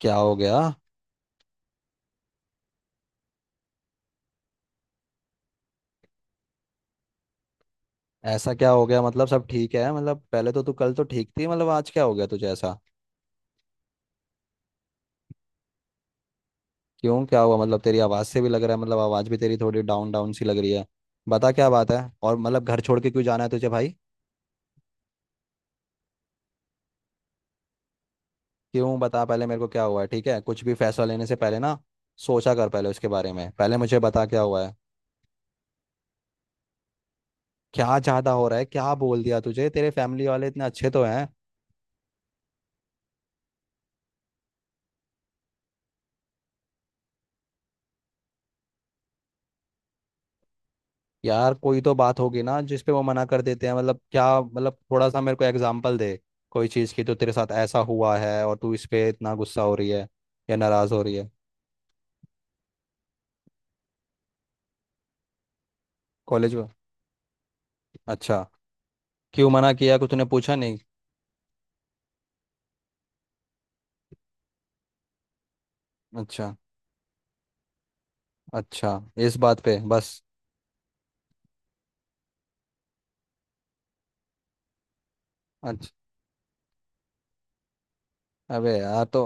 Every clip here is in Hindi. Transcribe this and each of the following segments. क्या हो गया? ऐसा क्या हो गया? मतलब सब ठीक है? मतलब पहले तो तू कल तो ठीक थी। मतलब आज क्या हो गया तुझे ऐसा? क्यों, क्या हुआ? मतलब तेरी आवाज से भी लग रहा है, मतलब आवाज भी तेरी थोड़ी डाउन डाउन सी लग रही है। बता क्या बात है? और मतलब घर छोड़ के क्यों जाना है तुझे भाई? क्यों, बता पहले मेरे को क्या हुआ है। ठीक है, कुछ भी फैसला लेने से पहले ना सोचा कर पहले उसके बारे में। पहले मुझे बता क्या हुआ है। क्या ज्यादा हो रहा है? क्या बोल दिया तुझे? तेरे फैमिली वाले इतने अच्छे तो हैं। यार कोई तो बात होगी ना जिसपे वो मना कर देते हैं। मतलब क्या? मतलब थोड़ा सा मेरे को एग्जांपल दे। कोई चीज़ की तो तेरे साथ ऐसा हुआ है और तू इस पे इतना गुस्सा हो रही है या नाराज़ हो रही है? कॉलेज में? अच्छा, क्यों मना किया? कुछ तूने पूछा नहीं? अच्छा। अच्छा। इस बात पे बस? अच्छा। अबे यार तो।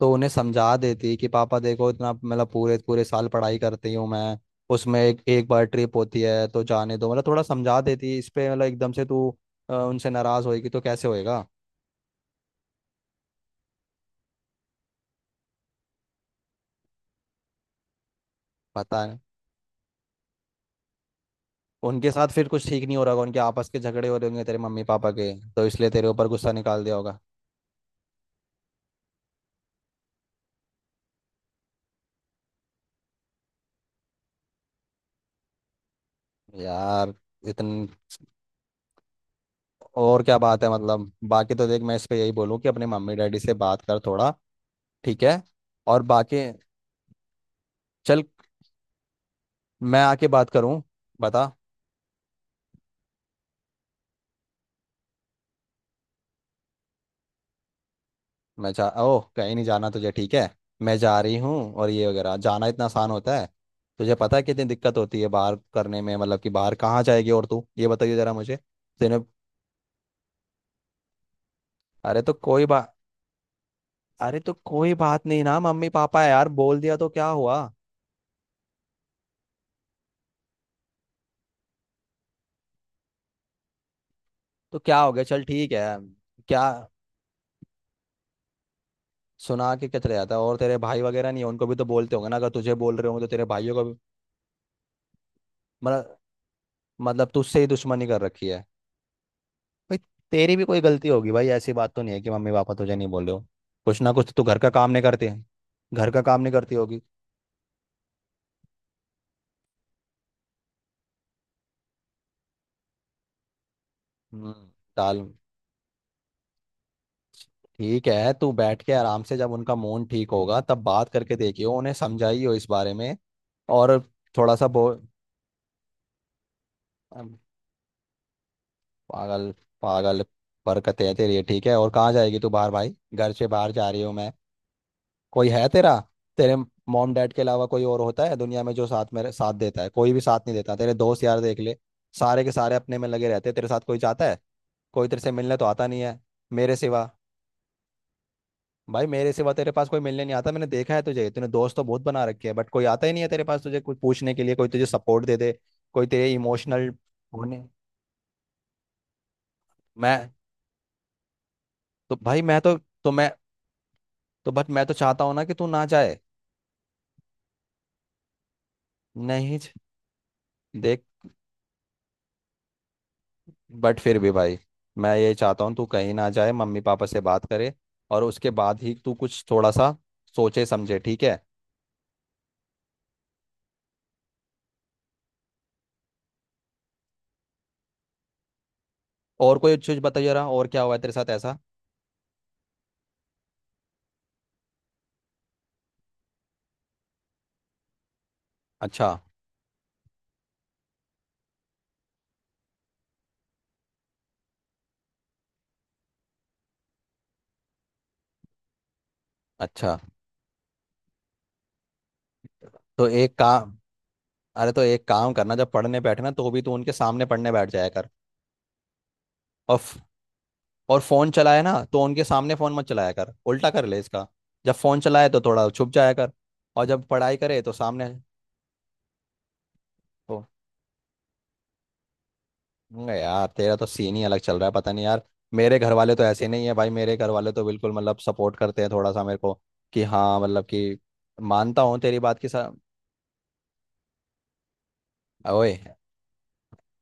तो उन्हें समझा देती कि पापा देखो, इतना मतलब पूरे पूरे साल पढ़ाई करती हूँ मैं। उसमें एक एक बार ट्रिप होती है तो जाने दो, मतलब थोड़ा समझा देती इस पे। मतलब एकदम से तू उनसे नाराज़ होएगी तो कैसे होएगा? पता है, उनके साथ फिर कुछ ठीक नहीं हो रहा होगा, उनके आपस के झगड़े हो रहे होंगे तेरे मम्मी पापा के, तो इसलिए तेरे ऊपर गुस्सा निकाल दिया होगा। यार इतन और क्या बात है? मतलब बाकी तो देख, मैं इस पे यही बोलूँ कि अपने मम्मी डैडी से बात कर थोड़ा, ठीक है? और बाकी। चल, मैं आके बात करूँ, बता। मैं जा ओह, कहीं नहीं जाना तुझे, ठीक है? मैं जा रही हूँ और ये वगैरह, जाना इतना आसान होता है? तुझे पता है कितनी दिक्कत होती है बाहर करने में, मतलब कि बाहर कहाँ जाएगी? और तू ये बताइए जरा मुझे। तेने अरे तो कोई बात अरे तो कोई बात नहीं ना, मम्मी पापा है यार, बोल दिया तो क्या हुआ? तो क्या हो गया, चल ठीक है। क्या? सुना के क्या चले जाता है? और तेरे भाई वगैरह नहीं है, उनको भी तो बोलते होंगे ना, अगर तुझे बोल रहे होंगे तो तेरे भाइयों को भी। मतलब मतलब तुझसे ही दुश्मनी कर रखी है? भाई तेरी भी कोई गलती होगी भाई, ऐसी बात तो नहीं है कि मम्मी पापा तुझे नहीं बोल रहे हो, कुछ ना कुछ तो। तू घर का काम नहीं करते, घर का काम नहीं करती होगी। हम्म। दाल। ठीक है, तू बैठ के आराम से, जब उनका मूड ठीक होगा तब बात करके देखियो, उन्हें समझाइयो इस बारे में। और थोड़ा सा बोल। पागल! पागल! बरकत है तेरी, ठीक है? और कहाँ जाएगी तू बाहर भाई, घर से बाहर जा रही हूँ मैं, कोई है तेरा? तेरे मॉम डैड के अलावा कोई और होता है दुनिया में जो साथ, मेरे साथ देता है? कोई भी साथ नहीं देता। तेरे दोस्त यार देख ले, सारे के सारे अपने में लगे रहते हैं, तेरे साथ कोई जाता है? कोई तेरे से मिलने तो आता नहीं है। मेरे सिवा। भाई मेरे सिवा तेरे पास कोई मिलने नहीं आता, मैंने देखा है तुझे, तूने दोस्त तो बहुत बना रखे हैं बट कोई आता ही नहीं है तेरे पास तुझे कुछ पूछने के लिए, कोई तुझे सपोर्ट दे दे, कोई तेरे इमोशनल होने। मैं तो भाई मैं तो मैं तो बट मैं तो चाहता हूँ ना कि तू ना जाए। नहीं देख, बट फिर भी भाई, मैं ये चाहता हूँ तू कहीं ना जाए, मम्मी पापा से बात करे, और उसके बाद ही तू कुछ थोड़ा सा सोचे समझे, ठीक है? और कोई चीज बता जरा, और क्या हुआ है तेरे साथ ऐसा? अच्छा। अच्छा। तो एक काम अरे तो एक काम करना, जब पढ़ने बैठे ना तो भी तू उनके सामने पढ़ने बैठ जाया कर। और और फोन चलाए ना तो उनके सामने फोन मत चलाया कर, उल्टा कर ले इसका। जब फोन चलाए तो थोड़ा छुप जाया कर और जब पढ़ाई करे तो सामने। मैं यार, तेरा तो सीन ही अलग चल रहा है, पता नहीं यार। मेरे घर वाले तो ऐसे नहीं है भाई, मेरे घर वाले तो बिल्कुल मतलब सपोर्ट करते हैं थोड़ा सा मेरे को, कि हाँ मतलब कि मानता हूँ तेरी बात की सा। ओए!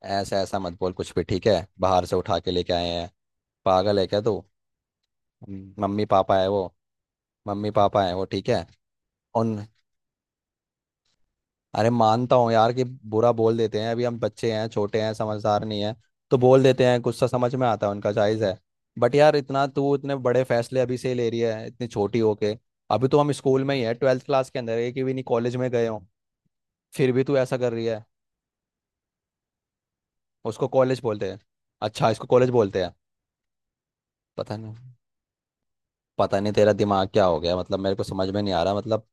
ऐसा ऐसा मत बोल कुछ भी, ठीक है? बाहर से उठा के लेके आए हैं? पागल है क्या तू? मम्मी पापा है वो। मम्मी पापा है वो, ठीक है। उन अरे मानता हूँ यार कि बुरा बोल देते हैं, अभी हम बच्चे हैं, छोटे हैं, समझदार नहीं है, तो बोल देते हैं, गुस्सा समझ में आता है उनका, जायज़ है। बट यार इतना तू, इतने बड़े फैसले अभी से ही ले रही है इतनी छोटी होके? अभी तो हम स्कूल में ही है, ट्वेल्थ क्लास के अंदर, एक भी नहीं कॉलेज में गए हो, फिर भी तू ऐसा कर रही है। उसको कॉलेज बोलते हैं? अच्छा, इसको कॉलेज बोलते हैं? पता नहीं, पता नहीं तेरा दिमाग क्या हो गया मतलब, मेरे को समझ में नहीं आ रहा मतलब।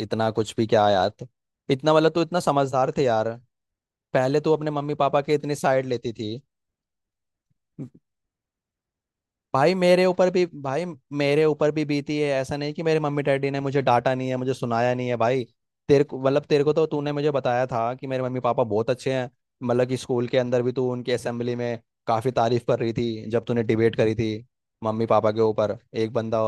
इतना कुछ भी क्या यार तो, इतना मतलब तू इतना समझदार थे यार। पहले तू अपने मम्मी पापा के इतनी साइड लेती थी। भाई मेरे ऊपर भी बीती है, ऐसा नहीं कि मेरे मम्मी डैडी ने मुझे डांटा नहीं है, मुझे सुनाया नहीं है भाई। तेरे को तो तूने मुझे बताया था कि मेरे मम्मी पापा बहुत अच्छे हैं, मतलब कि स्कूल के अंदर भी तू उनकी असेंबली में काफ़ी तारीफ कर रही थी जब तूने डिबेट करी थी मम्मी पापा के ऊपर। एक बंदा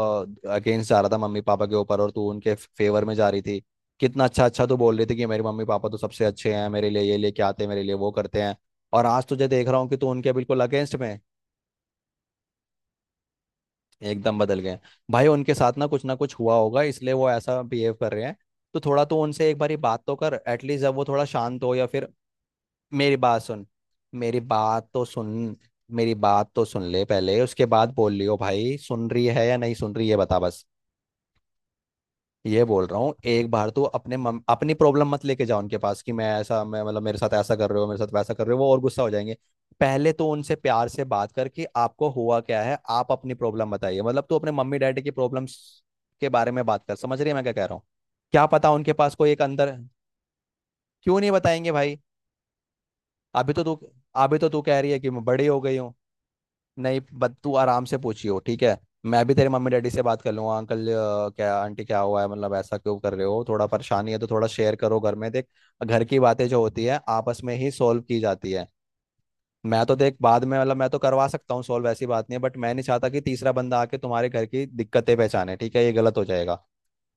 अगेंस्ट जा रहा था मम्मी पापा के ऊपर और तू उनके फेवर में जा रही थी। कितना अच्छा अच्छा तू बोल रही थी कि मेरे मम्मी पापा तो सबसे अच्छे हैं, मेरे लिए ये लेके आते हैं, मेरे लिए वो करते हैं। और आज तुझे देख रहा हूँ कि तू उनके बिल्कुल अगेंस्ट में है। एकदम बदल गए हैं। भाई, उनके साथ ना कुछ हुआ होगा, इसलिए वो ऐसा बिहेव कर रहे हैं। तो थोड़ा तो उनसे एक बारी बात तो कर एटलीस्ट, जब वो थोड़ा शांत हो या फिर। मेरी बात सुन, मेरी बात तो सुन, मेरी बात तो सुन ले पहले, उसके बाद बोल लियो भाई। सुन रही है या नहीं सुन रही है? बता बस। ये बोल रहा हूँ, एक बार तो अपने अपनी प्रॉब्लम मत लेके जाओ उनके पास कि मैं ऐसा, मैं मतलब मेरे साथ ऐसा कर रहे हो, मेरे साथ वैसा कर रहे हो, वो और गुस्सा हो जाएंगे। पहले तो उनसे प्यार से बात करके, आपको हुआ क्या है, आप अपनी प्रॉब्लम बताइए, मतलब तू अपने मम्मी डैडी की प्रॉब्लम्स के बारे में बात कर, समझ रही है मैं क्या कह रहा हूँ? क्या पता उनके पास कोई एक अंदर। क्यों नहीं बताएंगे भाई? अभी तो तू अभी तो तू कह रही है कि मैं बड़ी हो गई हूँ। नहीं, बट तू आराम से पूछियो, ठीक है? मैं भी तेरे मम्मी डैडी से बात कर लूंगा, अंकल क्या आंटी, क्या हुआ है, मतलब ऐसा क्यों कर रहे हो, थोड़ा परेशानी है तो थोड़ा शेयर करो घर में, देख। घर की बातें जो होती है, आपस में ही सॉल्व की जाती है। मैं तो देख बाद में, मतलब मैं तो करवा सकता हूँ सॉल्व, ऐसी बात नहीं है, बट मैं नहीं चाहता कि तीसरा बंदा आके तुम्हारे घर की दिक्कतें पहचाने, ठीक है, ये गलत हो जाएगा।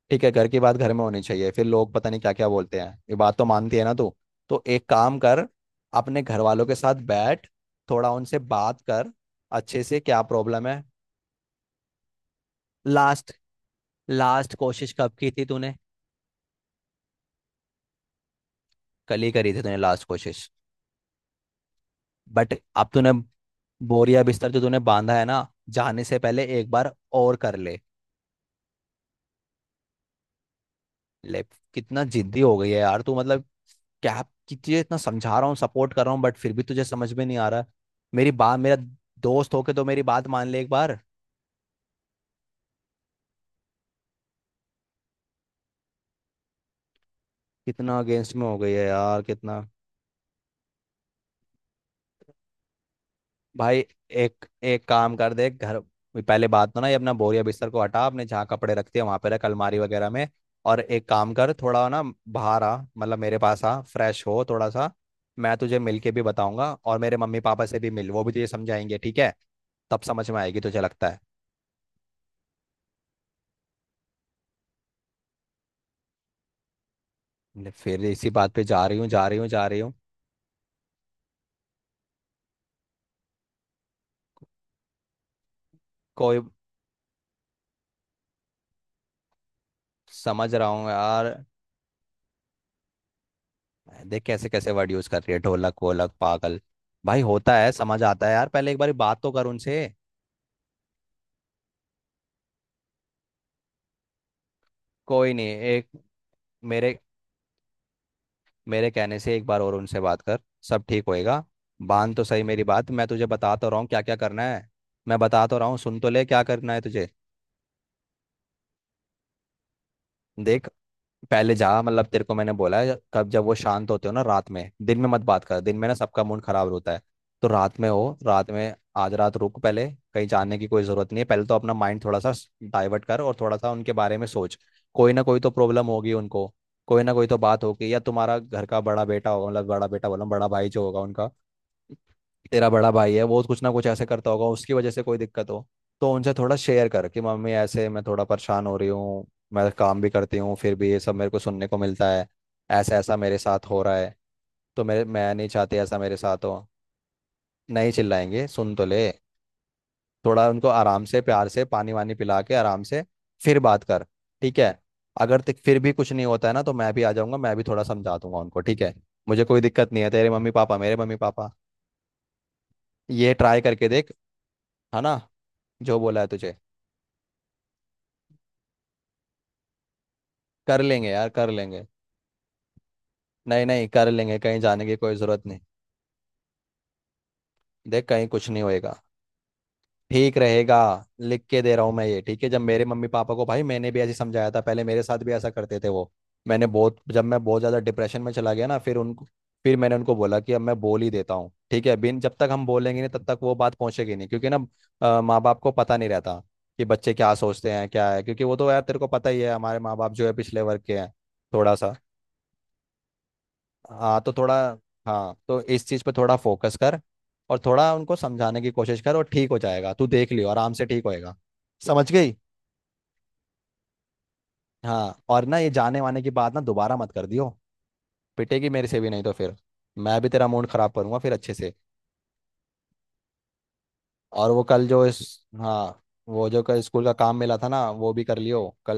ठीक है, घर की बात घर में होनी चाहिए, फिर लोग पता नहीं क्या क्या बोलते हैं। ये बात तो मानती है ना तू? तो एक काम कर, अपने घर वालों के साथ बैठ, थोड़ा उनसे बात कर अच्छे से, क्या प्रॉब्लम है। लास्ट, लास्ट कोशिश कब की थी तूने? कल ही करी थी तूने लास्ट कोशिश? बट अब तूने बोरिया बिस्तर जो तूने बांधा है ना, जाने से पहले एक बार और कर ले। ले! कितना जिद्दी हो गई है यार तू, मतलब क्या, कि तुझे इतना समझा रहा हूँ, सपोर्ट कर रहा हूँ बट फिर भी तुझे समझ में नहीं आ रहा मेरी बात। मेरा दोस्त होके तो मेरी बात मान ले एक बार। कितना अगेंस्ट में हो गई है यार, कितना! भाई एक एक काम कर दे घर। पहले बात तो ना ये, अपना बोरिया बिस्तर को हटा, अपने जहाँ कपड़े रखते हैं वहां पे रख, अलमारी वगैरह में। और एक काम कर थोड़ा ना, बाहर आ, मतलब मेरे पास आ, फ्रेश हो थोड़ा सा। मैं तुझे मिल के भी बताऊंगा और मेरे मम्मी पापा से भी मिल, वो भी तुझे समझाएंगे, ठीक है? तब समझ में आएगी तुझे लगता है? मैंने फिर इसी बात पे, जा रही हूँ, जा रही हूँ, जा रही हूँ! कोई समझ रहा हूँ यार, देख कैसे कैसे वर्ड यूज कर रही है, ढोलक वोलक पागल! भाई होता है, समझ आता है यार, पहले एक बार बात तो कर उनसे। कोई नहीं। एक मेरे मेरे कहने से एक बार और उनसे बात कर, सब ठीक होएगा। बांध तो सही मेरी बात, मैं तुझे बता तो रहा हूँ क्या क्या करना है, मैं बता तो रहा हूँ, सुन तो ले क्या करना है तुझे। देख, पहले जा, मतलब तेरे को मैंने बोला है कब, जब वो शांत होते हो ना रात में, दिन में मत बात कर, दिन में ना सबका मूड खराब होता है, तो रात में हो, रात में, आज रात रुक पहले। कहीं जाने की कोई जरूरत नहीं है, पहले तो अपना माइंड थोड़ा सा डाइवर्ट कर और थोड़ा सा उनके बारे में सोच। कोई ना कोई तो प्रॉब्लम होगी उनको, कोई ना कोई तो बात होगी। या तुम्हारा घर का बड़ा बेटा होगा, मतलब बड़ा बेटा बोला, बड़ा भाई जो होगा उनका, तेरा बड़ा भाई है, वो कुछ ना कुछ ऐसे करता होगा, उसकी वजह से कोई दिक्कत हो। तो उनसे थोड़ा शेयर कर कि मम्मी, ऐसे मैं थोड़ा परेशान हो रही हूँ, मैं काम भी करती हूँ फिर भी ये सब मेरे को सुनने को मिलता है, ऐसा ऐसा मेरे साथ हो रहा है, तो मेरे मैं नहीं चाहती ऐसा मेरे साथ हो। नहीं चिल्लाएंगे, सुन तो ले। थोड़ा उनको आराम से, प्यार से पानी वानी पिला के, आराम से फिर बात कर, ठीक है? अगर तक फिर भी कुछ नहीं होता है ना, तो मैं भी आ जाऊंगा, मैं भी थोड़ा समझा दूंगा उनको, ठीक है? मुझे कोई दिक्कत नहीं है, तेरे मम्मी पापा मेरे मम्मी पापा। ये ट्राई करके देख, है ना, जो बोला है तुझे। कर लेंगे यार, कर लेंगे। नहीं, नहीं, कर लेंगे, कहीं जाने की कोई जरूरत नहीं। देख, कहीं कुछ नहीं होएगा, ठीक रहेगा। लिख के दे रहा हूँ मैं ये, ठीक है? जब मेरे मम्मी पापा को, भाई मैंने भी ऐसे समझाया था पहले, मेरे साथ भी ऐसा करते थे वो। मैंने बहुत जब मैं बहुत ज़्यादा डिप्रेशन में चला गया ना, फिर उनको, फिर मैंने उनको बोला कि अब मैं बोल ही देता हूँ, ठीक है। बिन जब तक हम बोलेंगे नहीं तब तक वो बात पहुंचेगी नहीं, क्योंकि ना माँ बाप को पता नहीं रहता कि बच्चे क्या सोचते हैं क्या है, क्योंकि वो तो यार तेरे को पता ही है, हमारे माँ बाप जो है पिछले वर्ग के हैं थोड़ा सा। हाँ तो थोड़ा हाँ तो इस चीज़ पे थोड़ा फोकस कर, और थोड़ा उनको समझाने की कोशिश कर, और ठीक हो जाएगा तू, देख लियो, आराम से ठीक होएगा। समझ गई? हाँ, और ना ये जाने वाने की बात ना दोबारा मत कर दियो, पिटेगी मेरे से भी, नहीं तो फिर मैं भी तेरा मूड खराब करूंगा फिर अच्छे से। और वो कल जो इस हाँ, वो जो कल स्कूल का काम मिला था ना, वो भी कर लियो कल।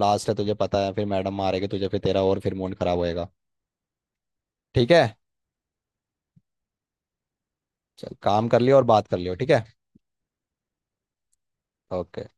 लास्ट है तुझे पता है, फिर मैडम मारेगी तुझे, फिर तेरा और फिर मूड खराब होएगा, ठीक है? चल काम कर लियो और बात कर लियो, ठीक है? ओके।